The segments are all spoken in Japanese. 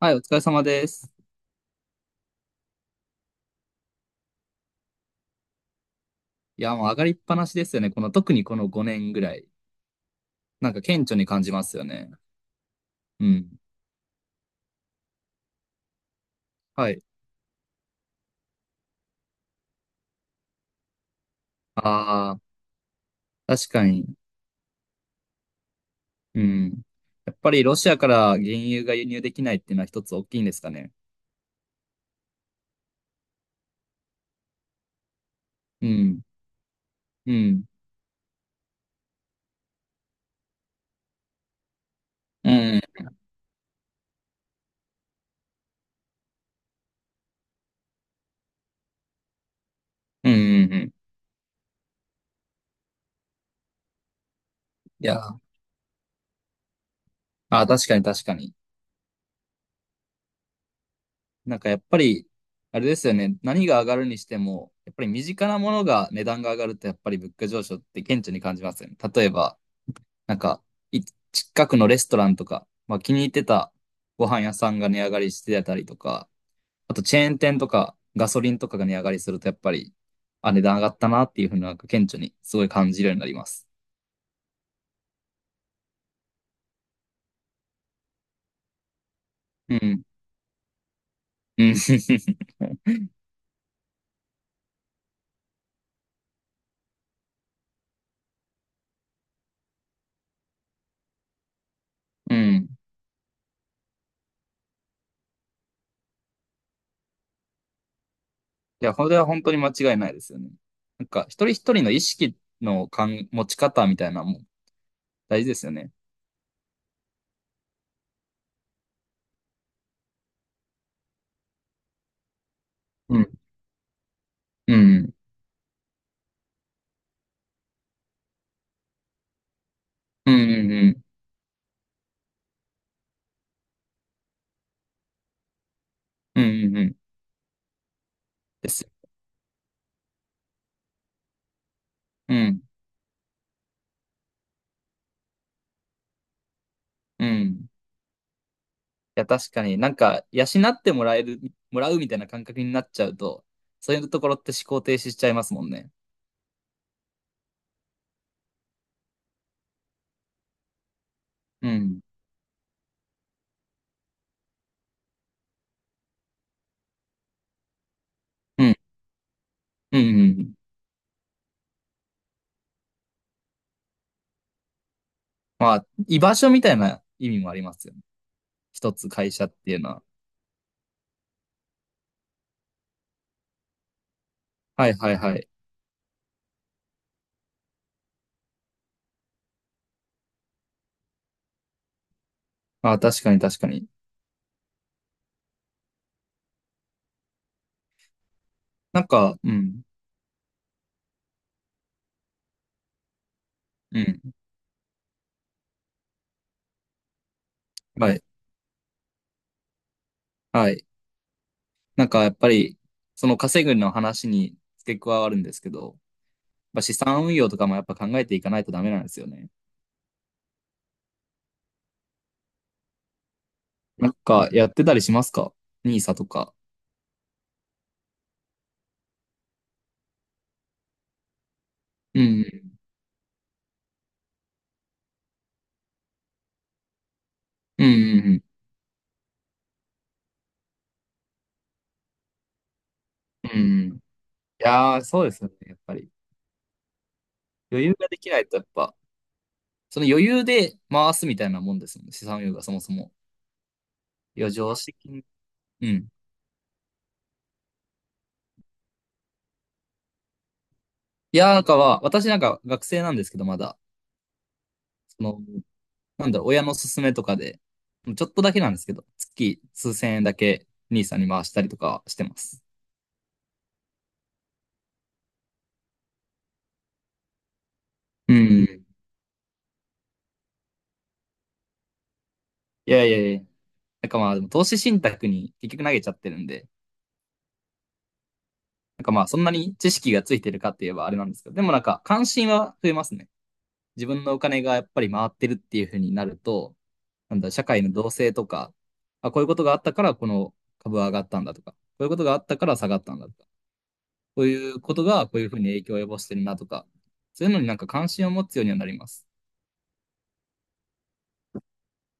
はい、お疲れ様です。いや、もう上がりっぱなしですよね。この、特にこの5年ぐらい。なんか顕著に感じますよね。うん。はい。ああ、確かに。うん。やっぱりロシアから原油が輸入できないっていうのは一つ大きいんですかね。うん。うん。うん。うん。うん。うんいや、ああ、確かに確かに。なんかやっぱり、あれですよね。何が上がるにしても、やっぱり身近なものが値段が上がると、やっぱり物価上昇って顕著に感じますよね。例えば、なんか、い近くのレストランとか、まあ気に入ってたご飯屋さんが値上がりしてたりとか、あとチェーン店とかガソリンとかが値上がりするとやっぱり、あ、値段上がったなっていうふうになんか顕著にすごい感じるようになります。うん。うん。うん。いや、これは本当に間違いないですよね。なんか、一人一人の意識の感持ち方みたいなのも大事ですよね。うん。うん。うん。うん。うん。うん。うんうんです。うん。うん。いや、確かになんか、養ってもらえる、もらうみたいな感覚になっちゃうと、そういうところって思考停止しちゃいますもんね。うん。うん。うん。うんまあ、居場所みたいな意味もありますよね。一つ会社っていうのは。はいはいはい。まあ、確かに確かに。なんか、うん。うん。はい。はい。なんかやっぱり、その稼ぐの話に付け加わるんですけど、まあ資産運用とかもやっぱ考えていかないとダメなんですよね。なんかやってたりしますかニーサとか。うん。うんうんうんうん。いやー、そうですよね、やっぱり。余裕ができないと、やっぱ、その余裕で回すみたいなもんですもんね、資産運用がそもそも。いや、常識的に。うん。いやー、なんかは、私なんか学生なんですけど、まだ、その、なんだろう、親の勧めとかで、ちょっとだけなんですけど、月数千円だけ兄さんに回したりとかしてます。うん。いやいやいや。なんかまあ、でも投資信託に結局投げちゃってるんで、なんかまあ、そんなに知識がついてるかって言えばあれなんですけど、でもなんか関心は増えますね。自分のお金がやっぱり回ってるっていうふうになると、なんだ、社会の動静とか、あ、こういうことがあったからこの株は上がったんだとか、こういうことがあったから下がったんだとか、こういうことがこういうふうに影響を及ぼしてるなとか、そういうのになんか関心を持つようにはなります。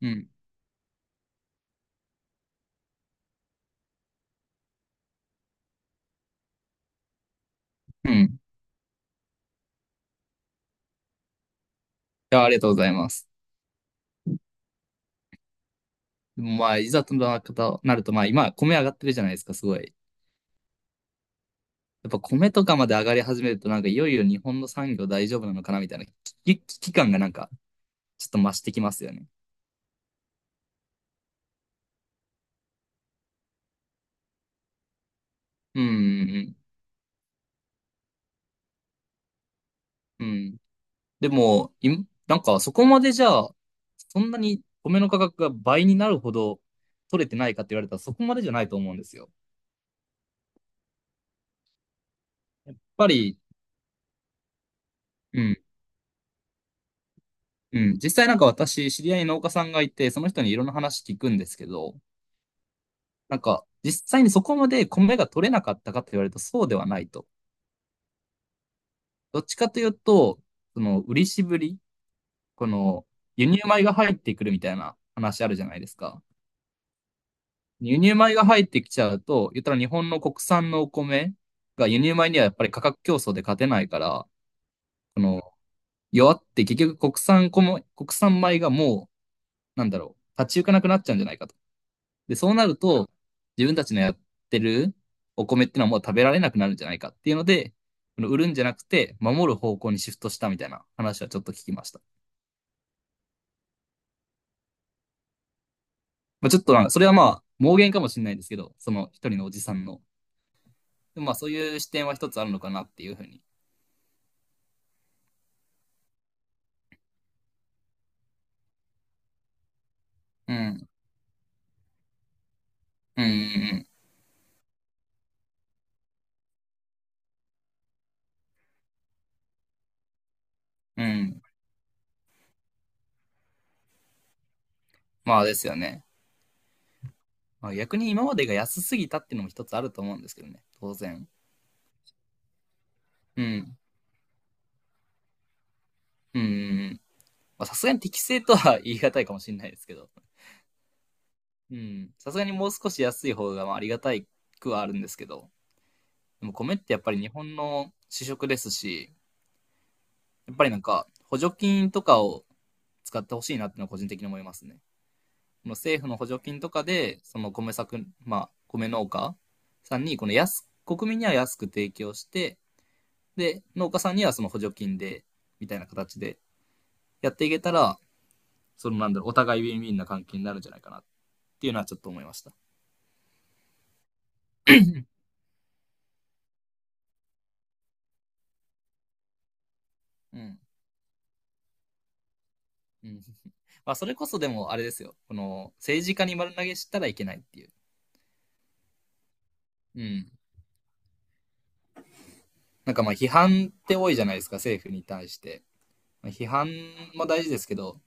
うん。うん。いや、ありがとうございます。でもまあ、いざとななると、まあ今、米上がってるじゃないですか、すごい。やっぱ米とかまで上がり始めると、なんかいよいよ日本の産業大丈夫なのかなみたいな危機感がなんかちょっと増してきますよね。うんうんうん。うん。でも、い、なんかそこまでじゃあ、そんなに米の価格が倍になるほど取れてないかって言われたらそこまでじゃないと思うんですよ。やっぱり、うん、うん。実際なんか私、知り合いに農家さんがいて、その人にいろんな話聞くんですけど、なんか実際にそこまで米が取れなかったかって言われるとそうではないと。どっちかというと、その売りしぶり、この輸入米が入ってくるみたいな話あるじゃないですか。輸入米が入ってきちゃうと、言ったら日本の国産のお米が輸入米にはやっぱり価格競争で勝てないから、その弱って結局国産米がもう、なんだろう、立ち行かなくなっちゃうんじゃないかと。で、そうなると、自分たちのやってるお米ってのはもう食べられなくなるんじゃないかっていうので、この売るんじゃなくて、守る方向にシフトしたみたいな話はちょっと聞きました。まあ、ちょっとなんか、それはまあ、妄言かもしれないですけど、その一人のおじさんの。でもまあ、そういう視点は一つあるのかなっていうふうに。うん。うんうんうん。うんまあですよね。まあ、逆に今までが安すぎたっていうのも一つあると思うんですけどね。当然。うん。うんうんうん。まあさすがに適正とは 言い難いかもしれないですけど。うん。さすがにもう少し安い方がまあありがたいくはあるんですけど。でも米ってやっぱり日本の主食ですし、やっぱりなんか補助金とかを使ってほしいなっていうのは個人的に思いますね。この政府の補助金とかで、その米作、まあ米農家さんにこの安、国民には安く提供して、で、農家さんにはその補助金で、みたいな形でやっていけたら、そのなんだろう、お互いウィンウィンな関係になるんじゃないかなっていうのはちょっと思いました。うん。うん。まあ、それこそでもあれですよ。この、政治家に丸投げしたらいけないっていう。うん。なんかまあ、批判って多いじゃないですか、政府に対して。まあ批判も大事ですけど、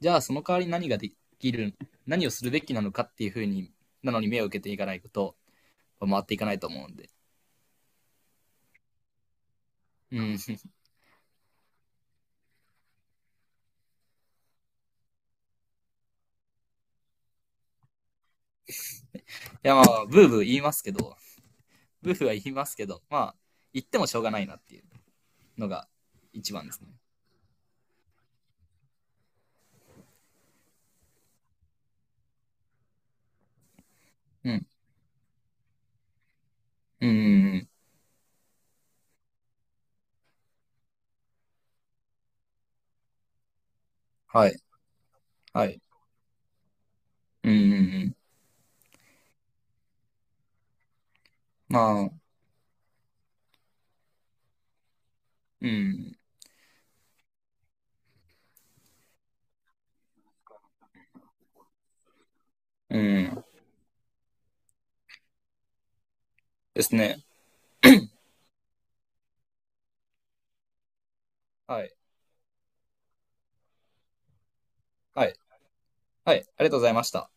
じゃあその代わり何ができる、何をするべきなのかっていうふうに、なのに目を受けていかないこと、回っていかないと思うんで。うん。いやまあ、ブーブー言いますけど、ブフは言いますけど、まあ、言ってもしょうがないなっていうのが一番ですね。うん。うんうんうん。はい。はい。うんうんうん。まあ、うん。うん。ですね。はい。はい。はい。ありがとうございました。